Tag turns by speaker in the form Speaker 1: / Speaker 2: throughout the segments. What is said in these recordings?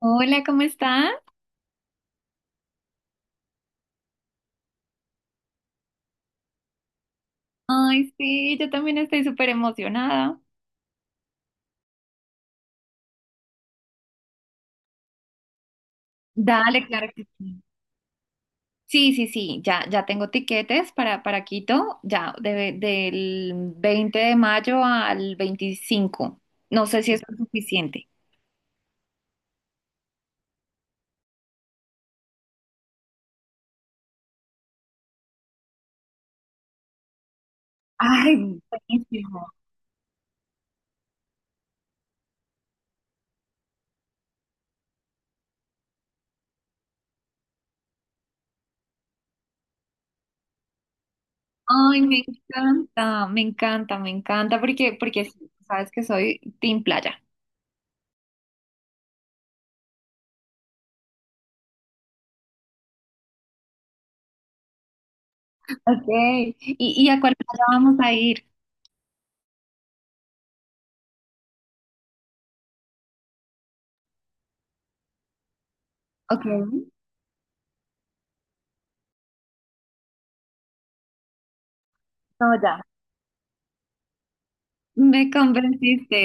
Speaker 1: Hola, ¿cómo estás? Ay, sí, yo también estoy súper emocionada. Dale, claro que sí. Sí, sí, sí, ya, ya tengo tiquetes para Quito, ya, del 20 de mayo al 25. No sé si eso es suficiente. Ay, buenísimo. Ay, me encanta, me encanta, me encanta, porque sí, sabes que soy team playa. Ok, ¿y a cuál playa vamos a ir? Ok, no, ya. Me convenciste.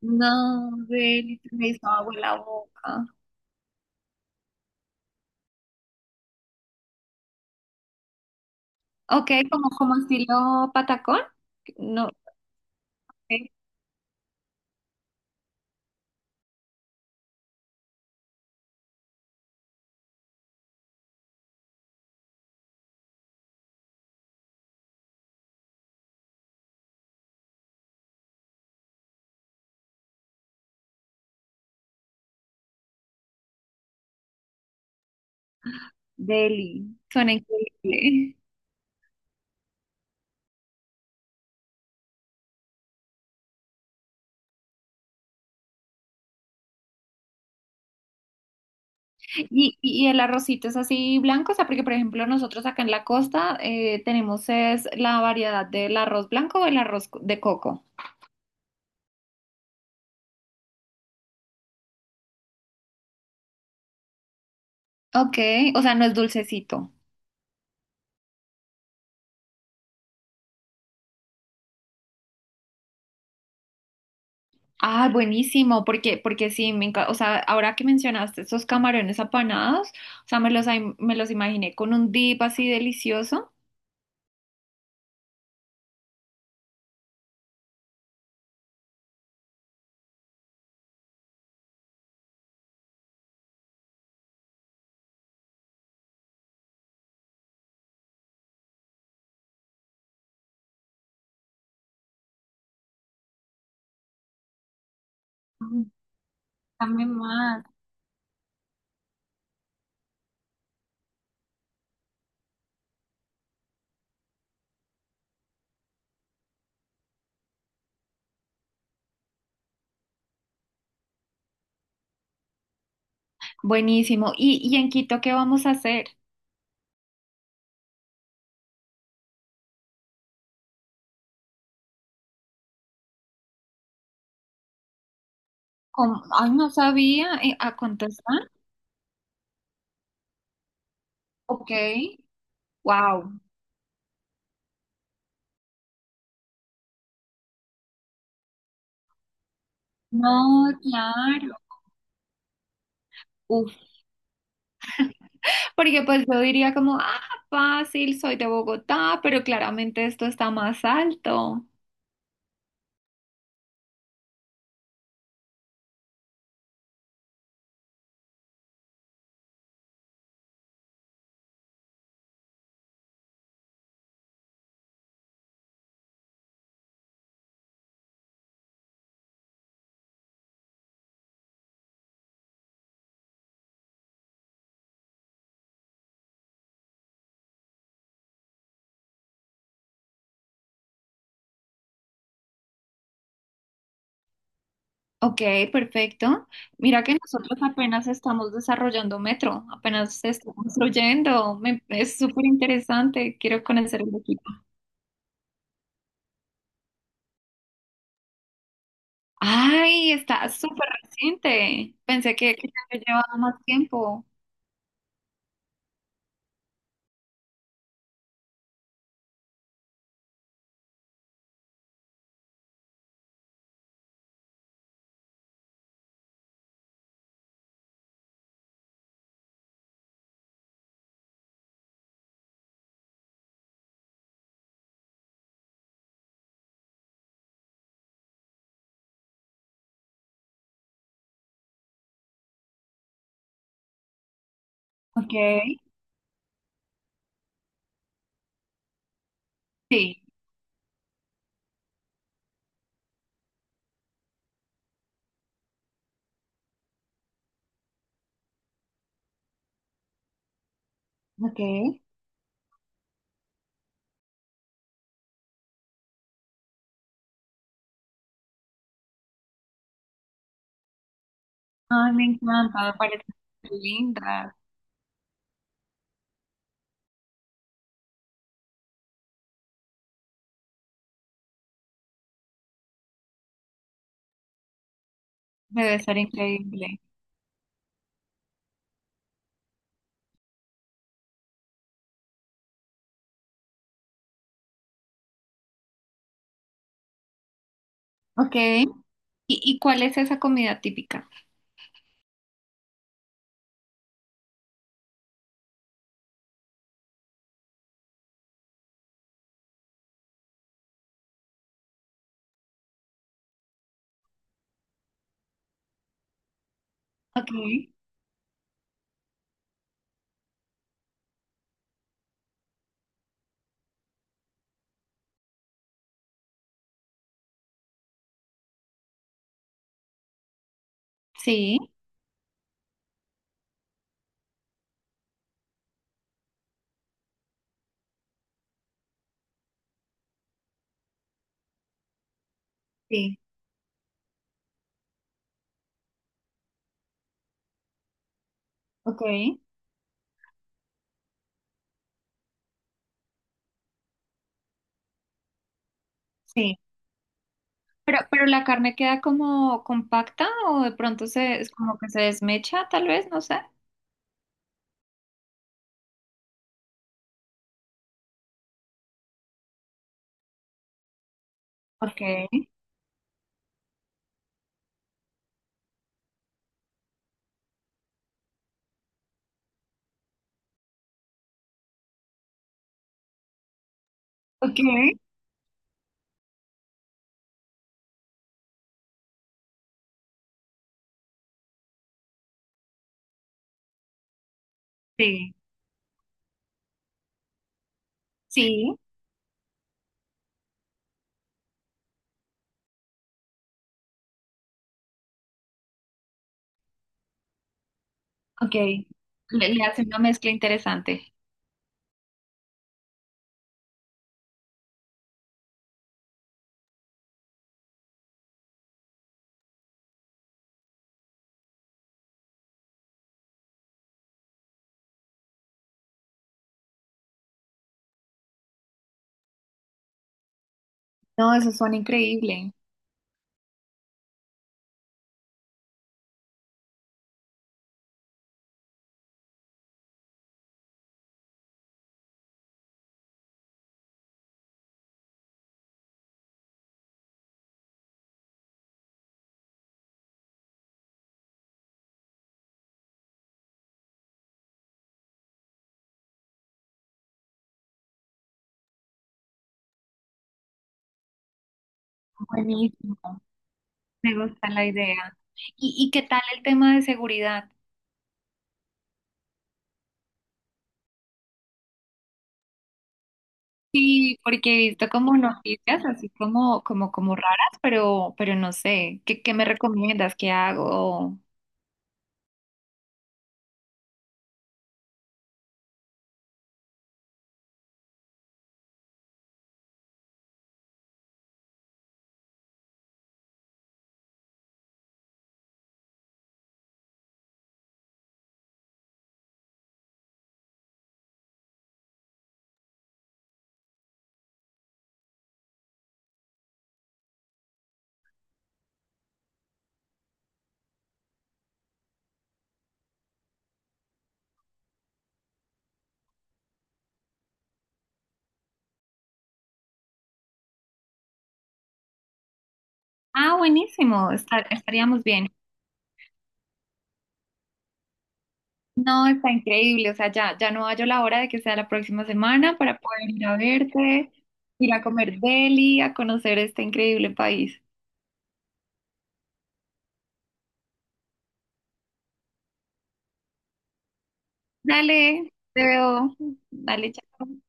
Speaker 1: No, Deli, me hizo agua en la boca. Ok, como estilo patacón. No, ok, Deli, suena increíble. Y el arrocito es así blanco, o sea, porque por ejemplo nosotros acá en la costa tenemos es la variedad del arroz blanco o el arroz de coco. Ok, o sea, no es dulcecito. Ah, buenísimo, porque sí, me encanta, o sea, ahora que mencionaste esos camarones apanados, o sea, me los imaginé con un dip así delicioso. Dame más. Buenísimo. ¿Y en Quito qué vamos a hacer? ¿Cómo? Ay, no sabía. ¿A cuánto están? Ok. Wow. No, claro. Uf, porque pues yo diría como, ah, fácil, soy de Bogotá, pero claramente esto está más alto. Ok, perfecto. Mira que nosotros apenas estamos desarrollando metro, apenas se está construyendo. Es súper interesante, quiero conocer el de Quito. Ay, está súper reciente. Pensé que ya había llevado más tiempo. Ok, sí, ok. Ay, me encanta, me parece súper linda. Debe ser increíble. Ok. ¿Y cuál es esa comida típica? Ok, sí, sí, ok, sí. Pero la carne queda como compacta o de pronto se, es como que se desmecha, tal vez, no sé. Ok, ok, sí, sí, ok. Le hace una mezcla interesante. No, eso suena increíble. Buenísimo. Me gusta la idea. ¿Y qué tal el tema de seguridad? Sí, porque he visto como noticias así como raras, pero no sé. ¿Qué me recomiendas? ¿Qué hago? Ah, buenísimo. Estaríamos bien. No, está increíble. O sea, ya no hallo la hora de que sea la próxima semana para poder ir a verte, ir a comer deli, a conocer este increíble país. Dale, te veo. Dale, chao.